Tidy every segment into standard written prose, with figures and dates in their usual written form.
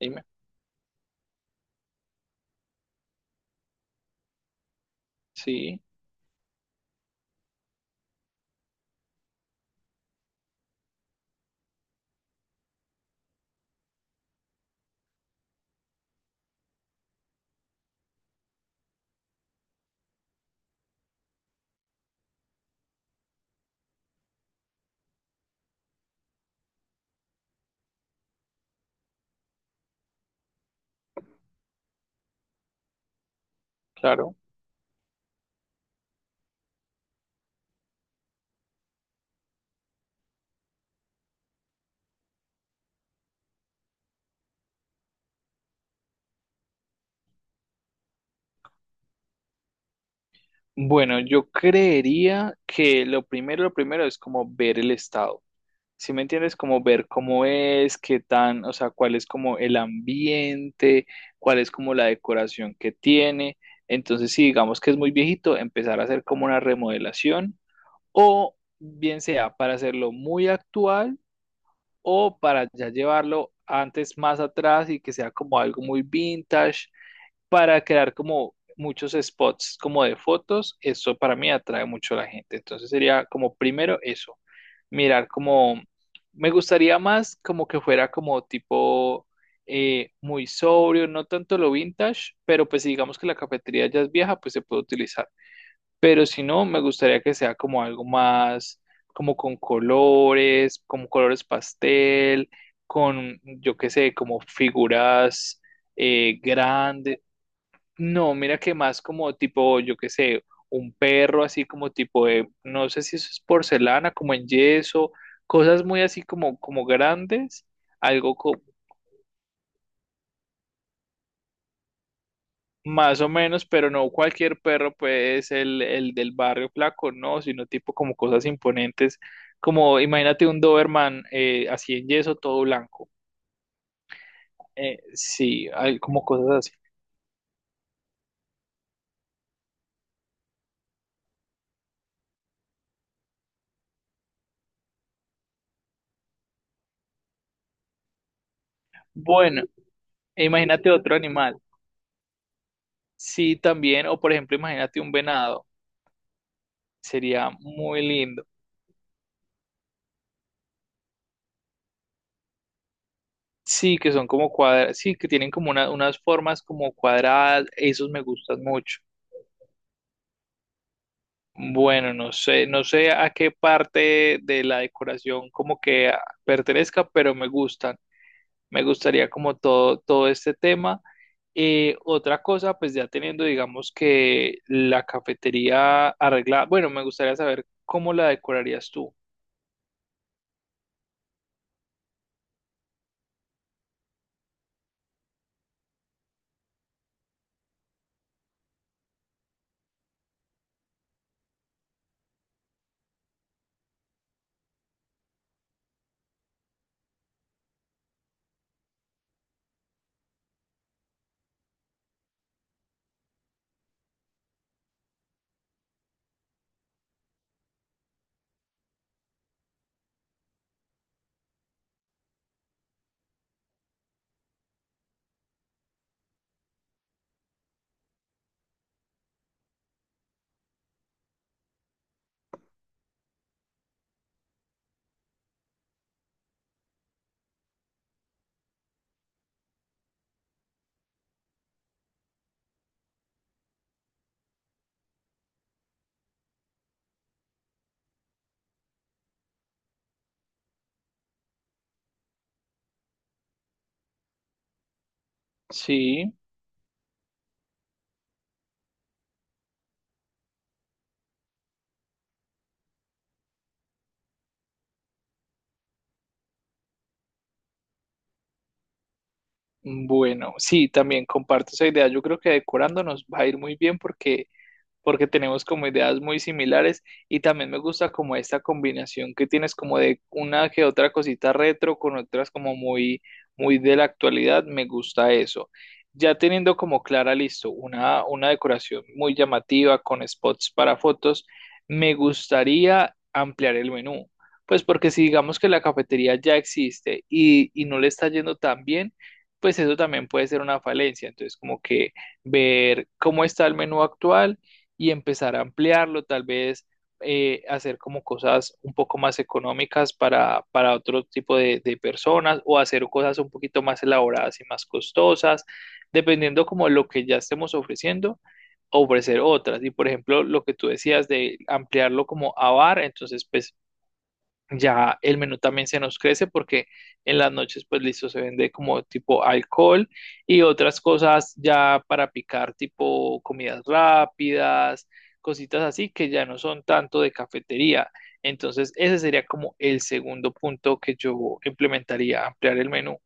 Dime. Sí, claro. Bueno, yo creería que lo primero es como ver el estado. ¿Sí me entiendes? Como ver cómo es, qué tan, o sea, cuál es como el ambiente, cuál es como la decoración que tiene. Entonces, si digamos que es muy viejito, empezar a hacer como una remodelación o bien sea para hacerlo muy actual o para ya llevarlo antes más atrás y que sea como algo muy vintage para crear como muchos spots como de fotos, eso para mí atrae mucho a la gente. Entonces sería como primero eso, mirar como, me gustaría más como que fuera como tipo muy sobrio, no tanto lo vintage, pero pues si digamos que la cafetería ya es vieja, pues se puede utilizar. Pero si no, me gustaría que sea como algo más, como con colores, como colores pastel, con, yo qué sé, como figuras grandes, no, mira que más como tipo, yo qué sé, un perro así como tipo de, no sé si eso es porcelana, como en yeso, cosas muy así como, como grandes, algo co- más o menos, pero no cualquier perro pues el del barrio flaco, no, sino tipo como cosas imponentes, como imagínate un Doberman así en yeso, todo blanco. Sí, hay como cosas así. Bueno, e imagínate otro animal. Sí, también, o por ejemplo, imagínate un venado. Sería muy lindo. Sí, que son como cuadradas, sí, que tienen como unas formas como cuadradas, esos me gustan mucho. Bueno, no sé, no sé a qué parte de la decoración como que pertenezca, pero me gustan. Me gustaría como todo, todo este tema. Otra cosa, pues ya teniendo, digamos que la cafetería arreglada, bueno, me gustaría saber cómo la decorarías tú. Sí. Bueno, sí, también comparto esa idea. Yo creo que decorando nos va a ir muy bien porque porque tenemos como ideas muy similares y también me gusta como esta combinación que tienes como de una que otra cosita retro con otras como muy muy de la actualidad, me gusta eso. Ya teniendo como clara, listo, una decoración muy llamativa con spots para fotos, me gustaría ampliar el menú. Pues porque si digamos que la cafetería ya existe y no le está yendo tan bien, pues eso también puede ser una falencia. Entonces, como que ver cómo está el menú actual y empezar a ampliarlo, tal vez hacer como cosas un poco más económicas para otro tipo de personas o hacer cosas un poquito más elaboradas y más costosas, dependiendo como lo que ya estemos ofreciendo ofrecer otras. Y por ejemplo, lo que tú decías de ampliarlo como a bar, entonces pues ya el menú también se nos crece porque en las noches, pues listo, se vende como tipo alcohol y otras cosas ya para picar, tipo comidas rápidas, cositas así que ya no son tanto de cafetería. Entonces, ese sería como el segundo punto que yo implementaría, ampliar el menú.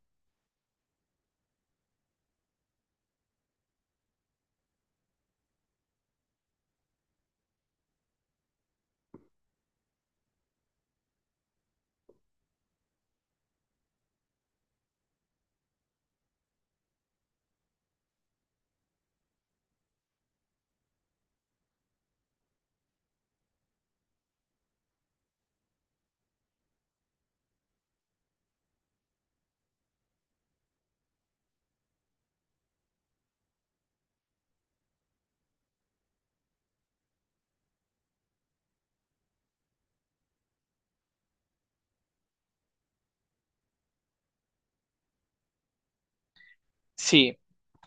Sí,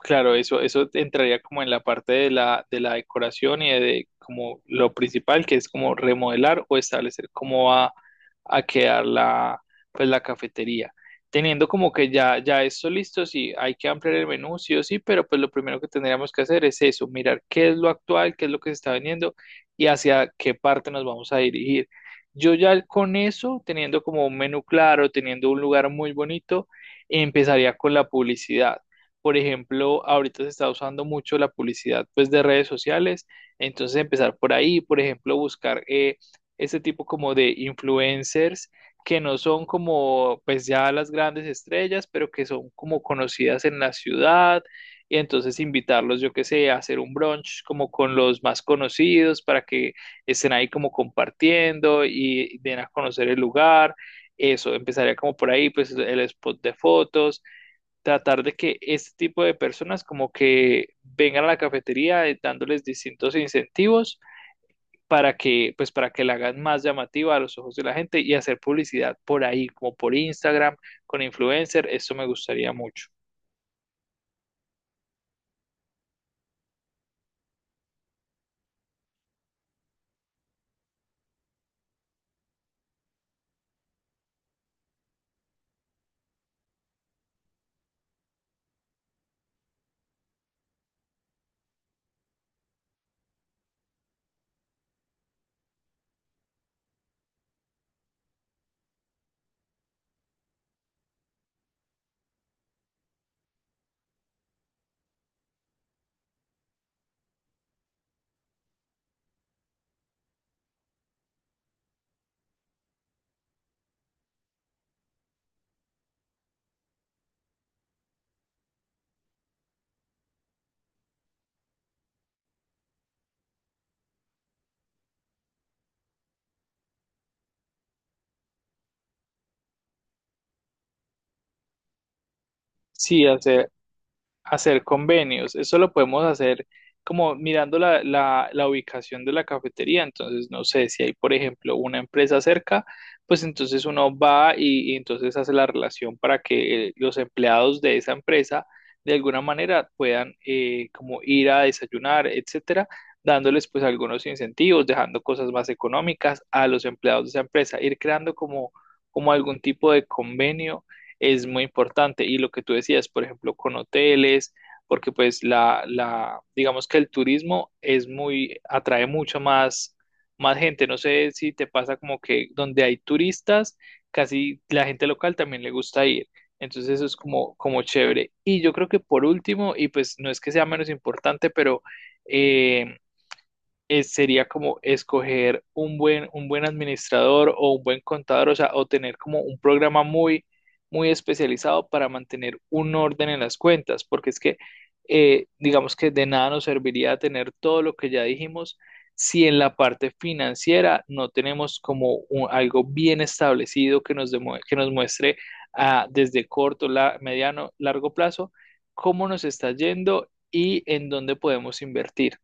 claro, eso entraría como en la parte de la decoración y de, como lo principal, que es como remodelar o establecer cómo va a quedar la, pues la cafetería. Teniendo como que ya, ya esto listo, sí, hay que ampliar el menú, sí o sí, pero pues lo primero que tendríamos que hacer es eso, mirar qué es lo actual, qué es lo que se está vendiendo y hacia qué parte nos vamos a dirigir. Yo ya con eso, teniendo como un menú claro, teniendo un lugar muy bonito, empezaría con la publicidad por ejemplo, ahorita se está usando mucho la publicidad pues de redes sociales, entonces empezar por ahí, por ejemplo, buscar este tipo como de influencers que no son como pues ya las grandes estrellas, pero que son como conocidas en la ciudad y entonces invitarlos, yo qué sé, a hacer un brunch como con los más conocidos para que estén ahí como compartiendo y den a conocer el lugar. Eso, empezaría como por ahí, pues el spot de fotos tratar de que este tipo de personas como que vengan a la cafetería dándoles distintos incentivos para que pues para que la hagan más llamativa a los ojos de la gente y hacer publicidad por ahí, como por Instagram, con influencer, eso me gustaría mucho. Sí, hacer, hacer convenios. Eso lo podemos hacer como mirando la ubicación de la cafetería. Entonces, no sé si hay, por ejemplo, una empresa cerca, pues entonces uno va y entonces hace la relación para que los empleados de esa empresa de alguna manera puedan como ir a desayunar, etcétera, dándoles pues algunos incentivos, dejando cosas más económicas a los empleados de esa empresa, ir creando como, como algún tipo de convenio es muy importante. Y lo que tú decías, por ejemplo, con hoteles, porque pues digamos que el turismo es muy, atrae mucho más, más gente. No sé si te pasa como que donde hay turistas, casi la gente local también le gusta ir. Entonces eso es como, como chévere. Y yo creo que por último, y pues no es que sea menos importante, pero eh, sería como escoger un buen administrador o un buen contador, o sea, o tener como un programa muy, muy especializado para mantener un orden en las cuentas, porque es que, digamos que de nada nos serviría tener todo lo que ya dijimos si en la parte financiera no tenemos como algo bien establecido que nos, que nos muestre desde corto, la, mediano, largo plazo, cómo nos está yendo y en dónde podemos invertir.